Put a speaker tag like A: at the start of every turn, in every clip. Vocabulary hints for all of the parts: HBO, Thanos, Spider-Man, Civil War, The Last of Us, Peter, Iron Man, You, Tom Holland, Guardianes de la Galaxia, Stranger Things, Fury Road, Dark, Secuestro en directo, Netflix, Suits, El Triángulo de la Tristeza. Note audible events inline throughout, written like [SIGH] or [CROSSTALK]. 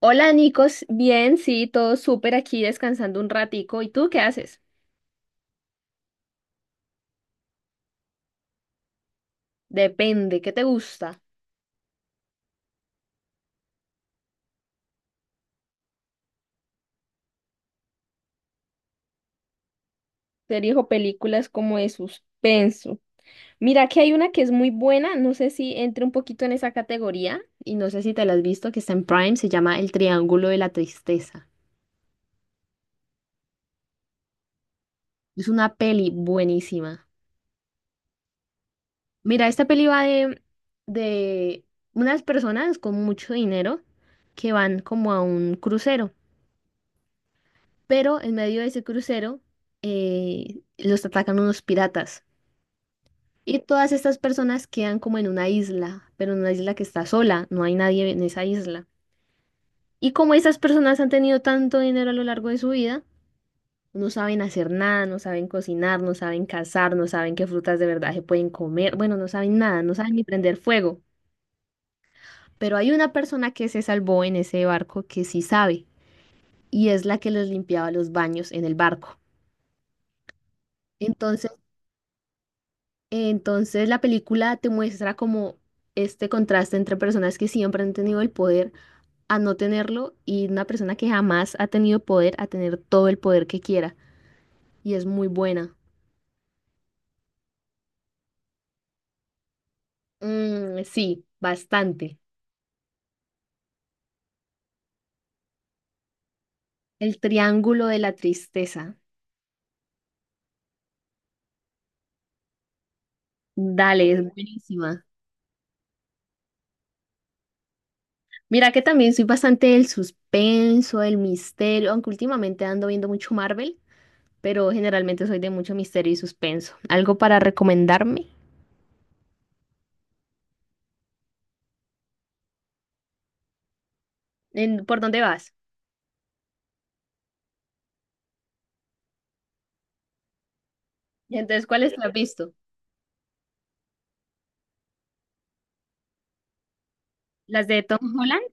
A: Hola, Nicos. Bien, sí, todo súper aquí descansando un ratico. ¿Y tú qué haces? Depende, ¿qué te gusta? Series o películas como de suspenso. Mira que hay una que es muy buena, no sé si entre un poquito en esa categoría y no sé si te la has visto, que está en Prime, se llama El Triángulo de la Tristeza. Es una peli buenísima. Mira, esta peli va de unas personas con mucho dinero que van como a un crucero. Pero en medio de ese crucero los atacan unos piratas. Y todas estas personas quedan como en una isla, pero en una isla que está sola, no hay nadie en esa isla. Y como esas personas han tenido tanto dinero a lo largo de su vida, no saben hacer nada, no saben cocinar, no saben cazar, no saben qué frutas de verdad se pueden comer, bueno, no saben nada, no saben ni prender fuego. Pero hay una persona que se salvó en ese barco que sí sabe, y es la que les limpiaba los baños en el barco. Entonces la película te muestra como este contraste entre personas que siempre han tenido el poder a no tenerlo y una persona que jamás ha tenido poder a tener todo el poder que quiera. Y es muy buena. Mm, sí, bastante. El triángulo de la tristeza. Dale, es buenísima. Mira que también soy bastante del suspenso, del misterio, aunque últimamente ando viendo mucho Marvel, pero generalmente soy de mucho misterio y suspenso. ¿Algo para recomendarme? ¿por dónde vas? Y entonces, ¿cuáles te has visto? ¿Las de Tom Holland?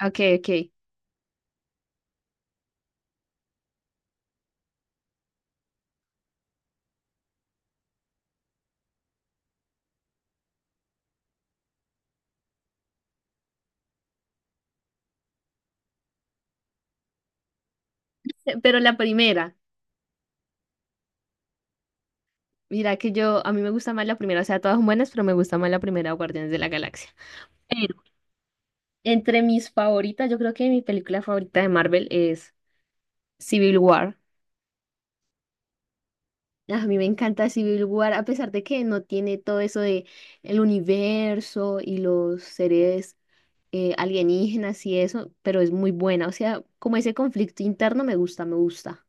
A: Ok, ok. Pero la primera, mira que yo, a mí me gusta más la primera, o sea, todas son buenas, pero me gusta más la primera, Guardianes de la Galaxia. Pero entre mis favoritas, yo creo que mi película favorita de Marvel es Civil War. Ah, a mí me encanta Civil War, a pesar de que no tiene todo eso de el universo y los seres alienígenas y eso, pero es muy buena. O sea, como ese conflicto interno me gusta, me gusta.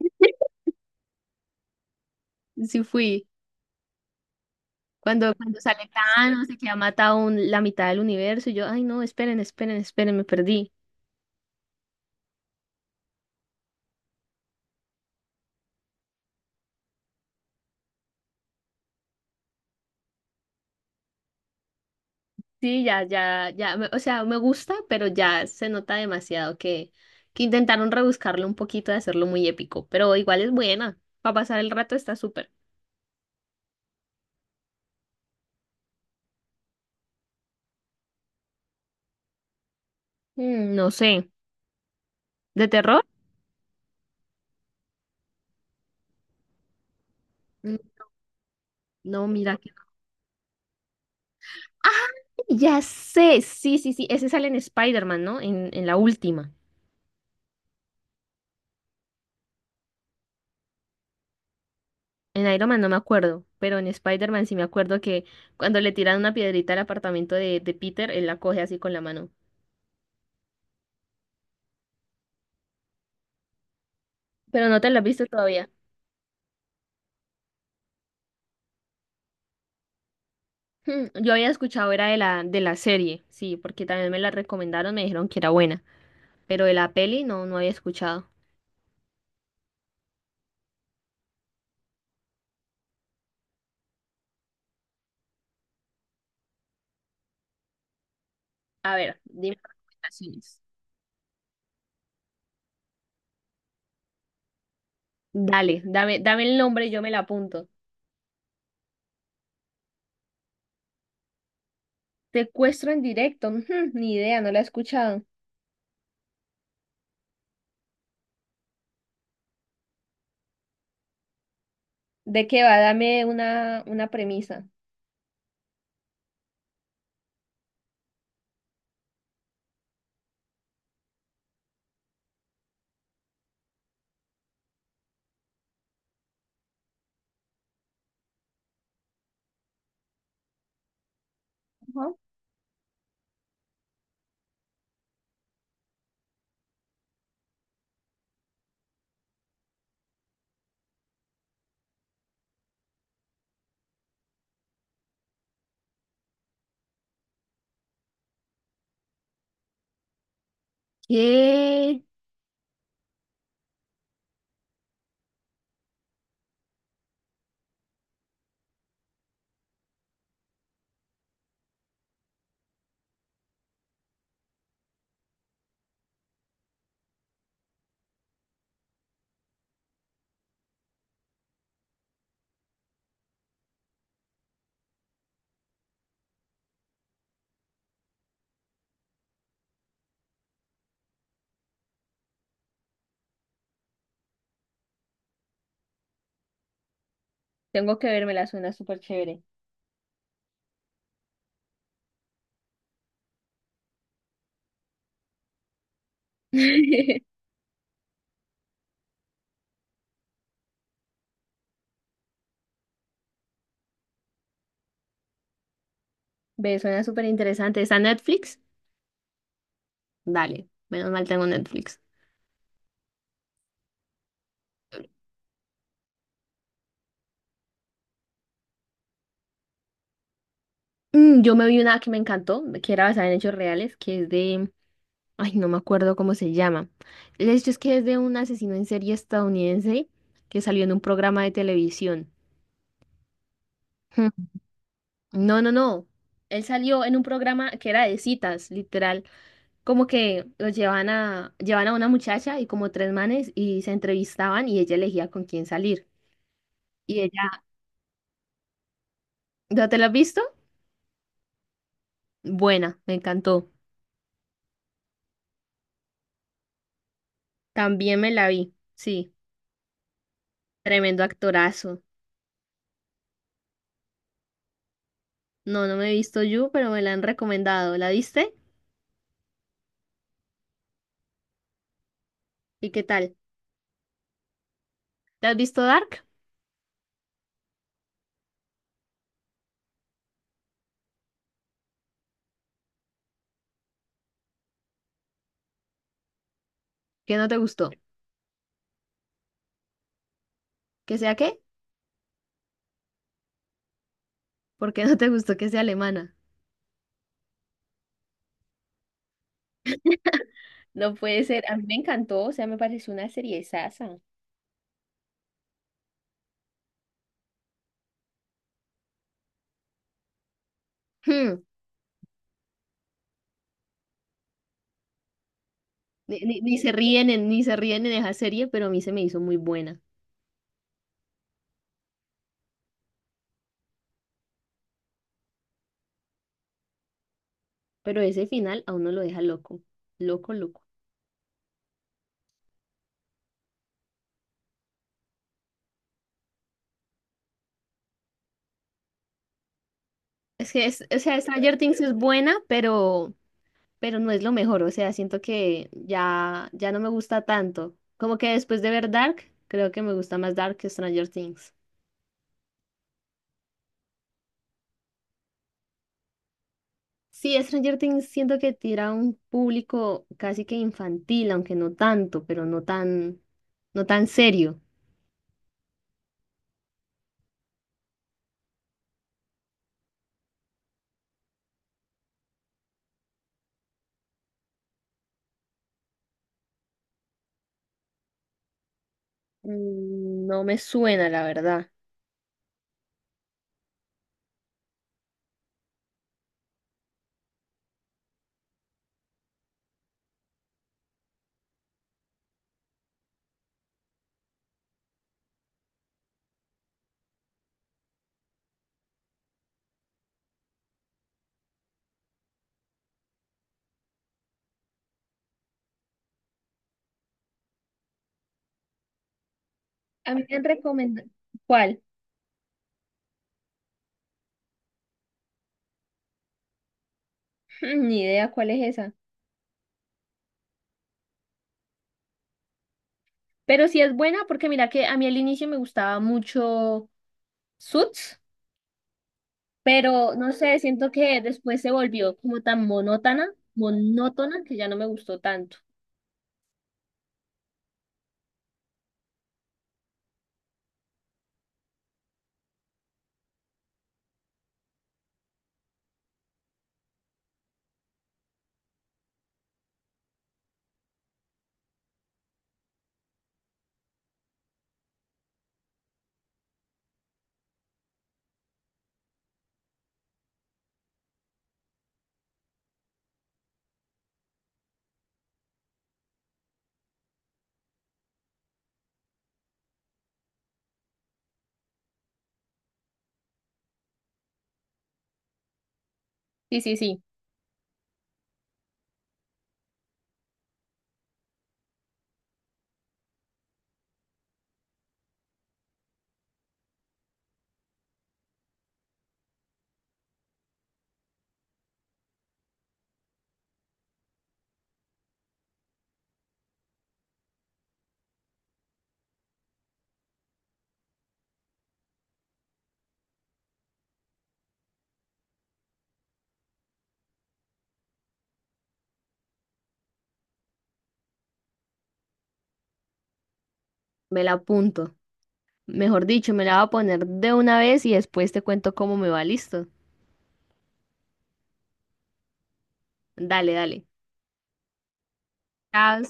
A: [LAUGHS] Sí fui. Cuando sale Thanos y que ha matado la mitad del universo, y yo, ay no, esperen, esperen, esperen, me perdí. Sí, ya, ya, ya, o sea, me gusta, pero ya se nota demasiado que intentaron rebuscarlo un poquito de hacerlo muy épico, pero igual es buena, para pasar el rato está súper. Mm, no sé, ¿de terror? Mm, no, mira que no. Ya sé, sí, sí, sí, ese sale en Spider-Man, ¿no? En la última. En Iron Man no me acuerdo, pero en Spider-Man sí me acuerdo que cuando le tiran una piedrita al apartamento de Peter, él la coge así con la mano. Pero no te la has visto todavía. [LAUGHS] Hmm, yo había escuchado, era de la serie, sí, porque también me la recomendaron, me dijeron que era buena, pero de la peli no, no había escuchado. A ver, dime recomendaciones. Dale, dame el nombre, y yo me la apunto. Secuestro en directo, [LAUGHS] hmm, ni idea, no la he escuchado. ¿De qué va? Dame una premisa. Ajá. ¿Qué? Tengo que verme, la suena súper chévere. [LAUGHS] Ve, suena súper interesante. ¿Está en Netflix? Dale, menos mal tengo Netflix. Mm, yo me vi una que me encantó, que era basada en hechos reales, que es de... Ay, no me acuerdo cómo se llama. El hecho es que es de un asesino en serie estadounidense que salió en un programa de televisión. Hmm. [LAUGHS] No, no, no. Él salió en un programa que era de citas, literal. Como que lo llevan a una muchacha y como tres manes y se entrevistaban y ella elegía con quién salir. Y ella, ¿no te lo has visto? Buena, me encantó. También me la vi. Sí, tremendo actorazo. No, no me he visto You, pero me la han recomendado. ¿La viste? ¿Y qué tal? ¿Te has visto Dark? ¿Qué no te gustó? ¿Que sea qué? ¿Por qué no te gustó que sea alemana? No puede ser, a mí me encantó, o sea, me pareció una serie sasa. Hmm, ni se ríen en esa serie, pero a mí se me hizo muy buena. Pero ese final a uno lo deja loco. Loco, loco. Es que es, o sea, Stranger Things es buena, pero no es lo mejor, o sea, siento que ya, ya no me gusta tanto. Como que después de ver Dark, creo que me gusta más Dark que Stranger Things. Sí, Stranger Things siento que tira a un público casi que infantil, aunque no tanto, pero no tan, no tan serio. Mm, no me suena, la verdad. A mí me han recomendado. ¿Cuál? [LAUGHS] Ni idea cuál es esa. Pero sí es buena porque mira que a mí al inicio me gustaba mucho Suits. Pero no sé, siento que después se volvió como tan monótona, monótona, que ya no me gustó tanto. Sí, sí, sí, me la apunto. Mejor dicho, me la voy a poner de una vez y después te cuento cómo me va, listo. Dale, dale. Chao.